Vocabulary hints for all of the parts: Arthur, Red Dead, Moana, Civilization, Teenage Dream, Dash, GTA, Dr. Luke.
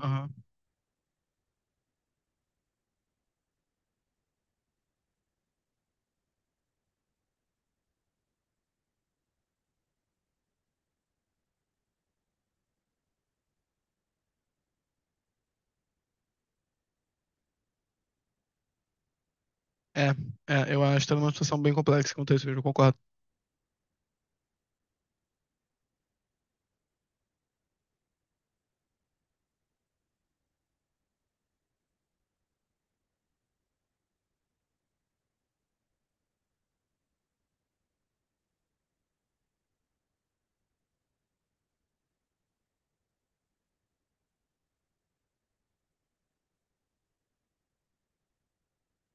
Aham. É, eu acho que tá numa situação bem complexa quanto a isso, eu concordo.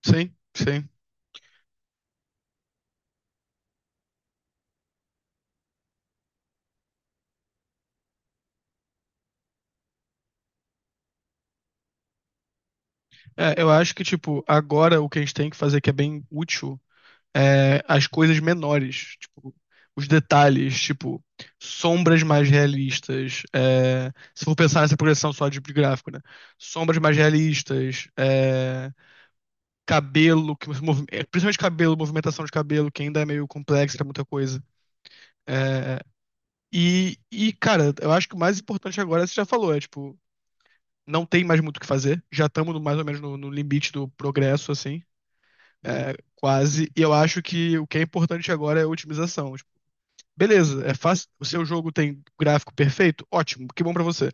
Sim, sim. É, eu acho que, tipo, agora o que a gente tem que fazer que é bem útil é as coisas menores, tipo, os detalhes, tipo, sombras mais realistas, se for pensar nessa progressão só de gráfico, né? Sombras mais realistas, é, cabelo, que você é, principalmente cabelo, movimentação de cabelo, que ainda é meio complexo pra muita coisa. É, cara, eu acho que o mais importante agora, você já falou, é, tipo, não tem mais muito o que fazer. Já estamos mais ou menos no limite do progresso, assim. É, quase. E eu acho que o que é importante agora é a otimização. Tipo, beleza, é fácil. O seu jogo tem gráfico perfeito? Ótimo, que bom pra você.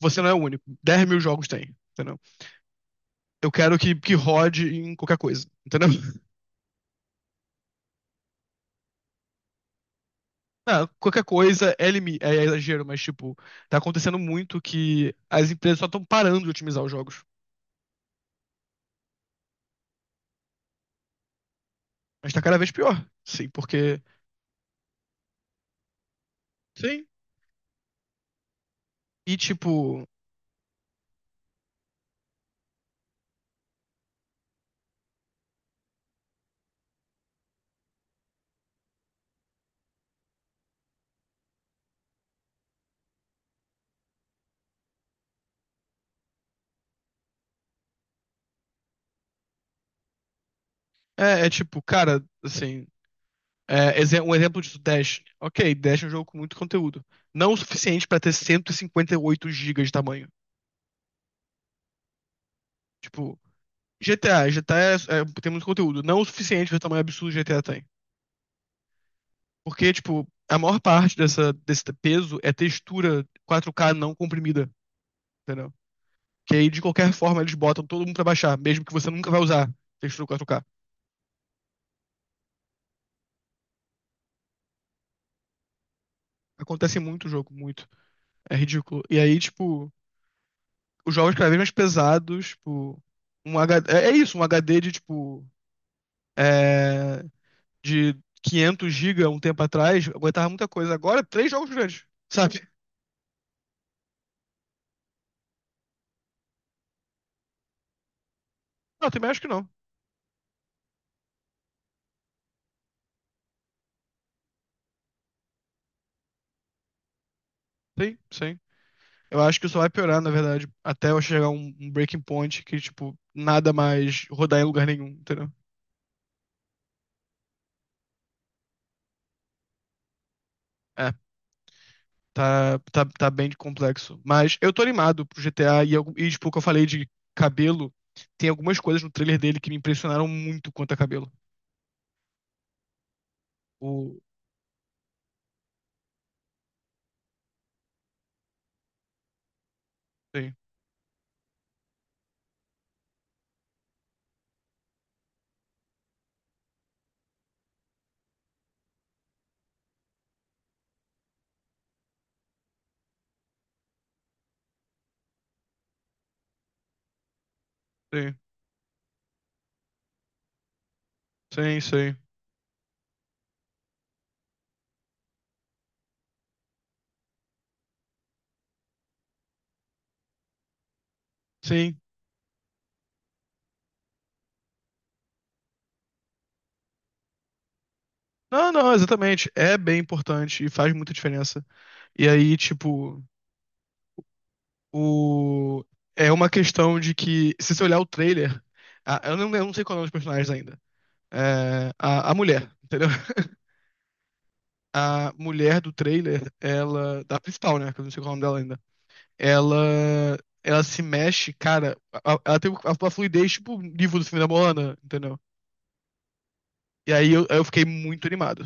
Você não é o único. 10.000 jogos tem, entendeu? Eu quero que rode em qualquer coisa, entendeu? Ah, qualquer coisa é, é exagero, mas tipo, tá acontecendo muito que as empresas só estão parando de otimizar os jogos. Mas tá cada vez pior. Sim, porque. Sim. E tipo, é tipo, cara, assim, um exemplo disso, Dash. Ok, Dash é um jogo com muito conteúdo. Não o suficiente pra ter cento e cinquenta e oito gigas de tamanho. Tipo, GTA tem muito conteúdo. Não o suficiente para o tamanho absurdo que GTA tem. Porque, tipo, a maior parte desse peso é textura 4K não comprimida, entendeu? Que aí, de qualquer forma, eles botam todo mundo pra baixar, mesmo que você nunca vai usar textura 4K. Acontece muito o jogo, muito. É ridículo. E aí, tipo, os jogos cada vez mais pesados, tipo, um HD, um HD de tipo é, de 500 GB um tempo atrás, aguentava muita coisa. Agora, três jogos grandes, sabe? Não, tem acho que não. Sim, sim. Eu acho que isso vai piorar, na verdade, até eu chegar a um breaking point que, tipo, nada mais rodar em lugar nenhum, entendeu? É, tá bem complexo. Mas eu tô animado pro GTA e tipo, o que eu falei de cabelo, tem algumas coisas no trailer dele que me impressionaram muito quanto a cabelo. O, sim. Sim, sim, sim. Sim. Não, não, exatamente. É bem importante e faz muita diferença. E aí, tipo, o... é uma questão de que, se você olhar o trailer, eu eu não sei qual é o nome dos personagens ainda. É, a mulher, entendeu? A mulher do trailer, ela. Da principal, né? Que eu não sei qual é o nome dela ainda. Ela. Ela se mexe, cara. Ela tem uma fluidez, tipo, nível do filme da Moana, entendeu? E aí eu fiquei muito animado.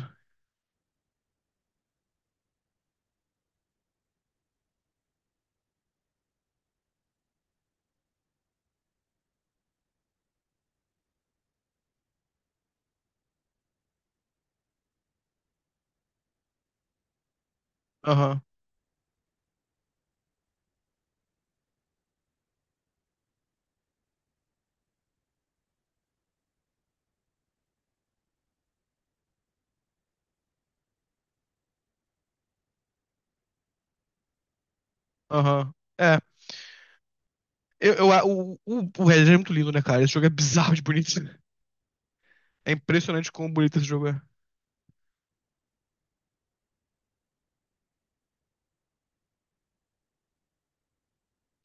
Aham, aham. É. O Red Dead é muito lindo, né, cara? Esse jogo é bizarro de bonito. É impressionante como bonito esse jogo é.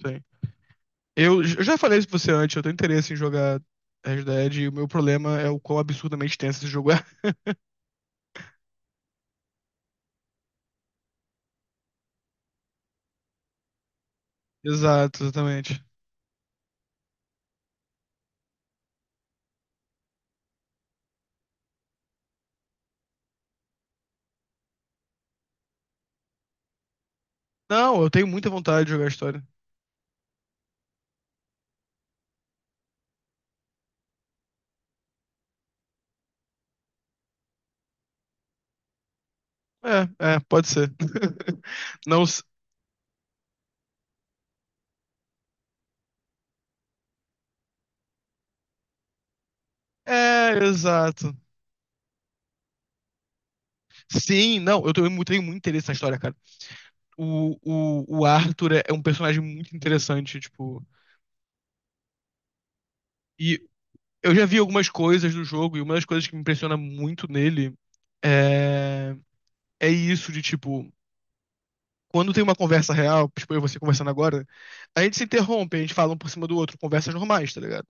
Sim. Eu já falei isso pra você antes, eu tenho interesse em jogar Red Dead e o meu problema é o quão absurdamente tenso esse jogo é. Exato, exatamente. Não, eu tenho muita vontade de jogar a história. É, é, pode ser. Não. s- É, exato. Sim, não, eu tenho, tenho muito interesse na história, cara. O Arthur é um personagem muito interessante, tipo. E eu já vi algumas coisas do jogo e uma das coisas que me impressiona muito nele é, é isso de tipo, quando tem uma conversa real, tipo eu e você conversando agora, a gente se interrompe, a gente fala um por cima do outro, conversas normais, tá ligado?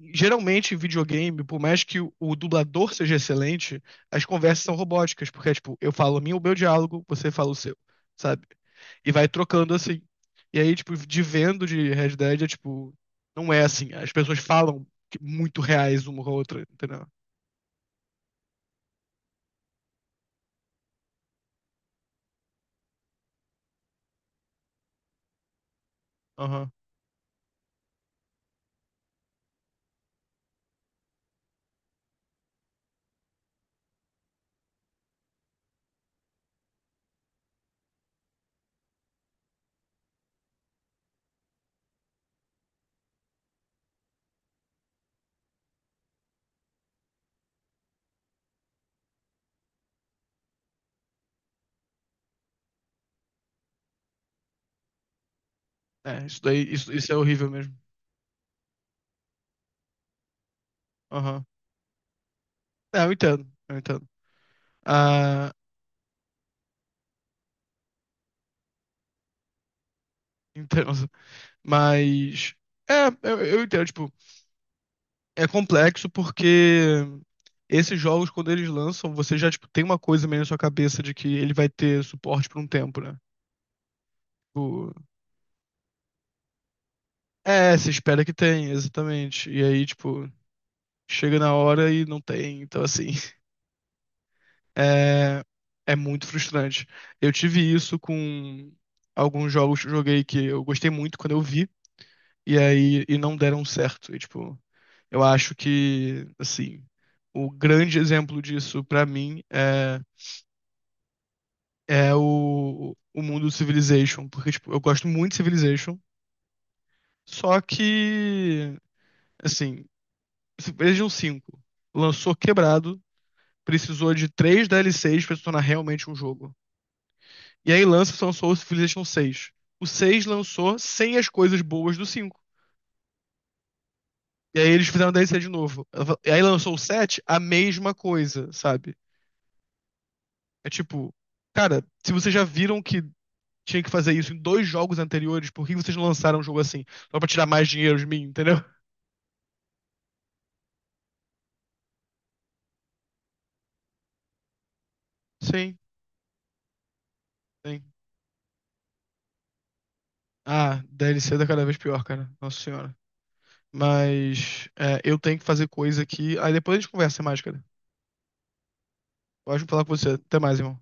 Geralmente, em videogame, por mais que o dublador seja excelente, as conversas são robóticas, porque é tipo, eu falo o meu diálogo, você fala o seu, sabe? E vai trocando assim. E aí, tipo, de vendo de Red Dead é tipo, não é assim, as pessoas falam muito reais uma com a outra, entendeu? Aham. É, isso é horrível mesmo. Aham. É, eu entendo, eu entendo. Ah, entendo. Mas. É, eu entendo, tipo, é complexo porque esses jogos, quando eles lançam, você já, tipo, tem uma coisa meio na sua cabeça de que ele vai ter suporte por um tempo, né? Tipo, é, se espera que tenha, exatamente. E aí, tipo, chega na hora e não tem. Então, assim, é, é muito frustrante. Eu tive isso com alguns jogos que eu joguei que eu gostei muito quando eu vi. E aí, e não deram certo. E, tipo, eu acho que, assim, o grande exemplo disso pra mim é, é o mundo do Civilization. Porque, tipo, eu gosto muito de Civilization, só que, assim, Civilization 5 lançou quebrado, precisou de 3 DLCs pra se tornar realmente um jogo. E aí lançou o Civilization 6. O 6 lançou sem as coisas boas do 5. E aí eles fizeram DLC de novo. E aí lançou o 7, a mesma coisa, sabe? É tipo, cara, se vocês já viram que tinha que fazer isso em 2 jogos anteriores, por que vocês não lançaram um jogo assim? Só pra tirar mais dinheiro de mim, entendeu? Sim, sim. Ah, DLC tá cada vez pior, cara. Nossa senhora. Mas é, eu tenho que fazer coisa aqui. Aí depois a gente conversa mais, cara. Pode falar com você. Até mais, irmão.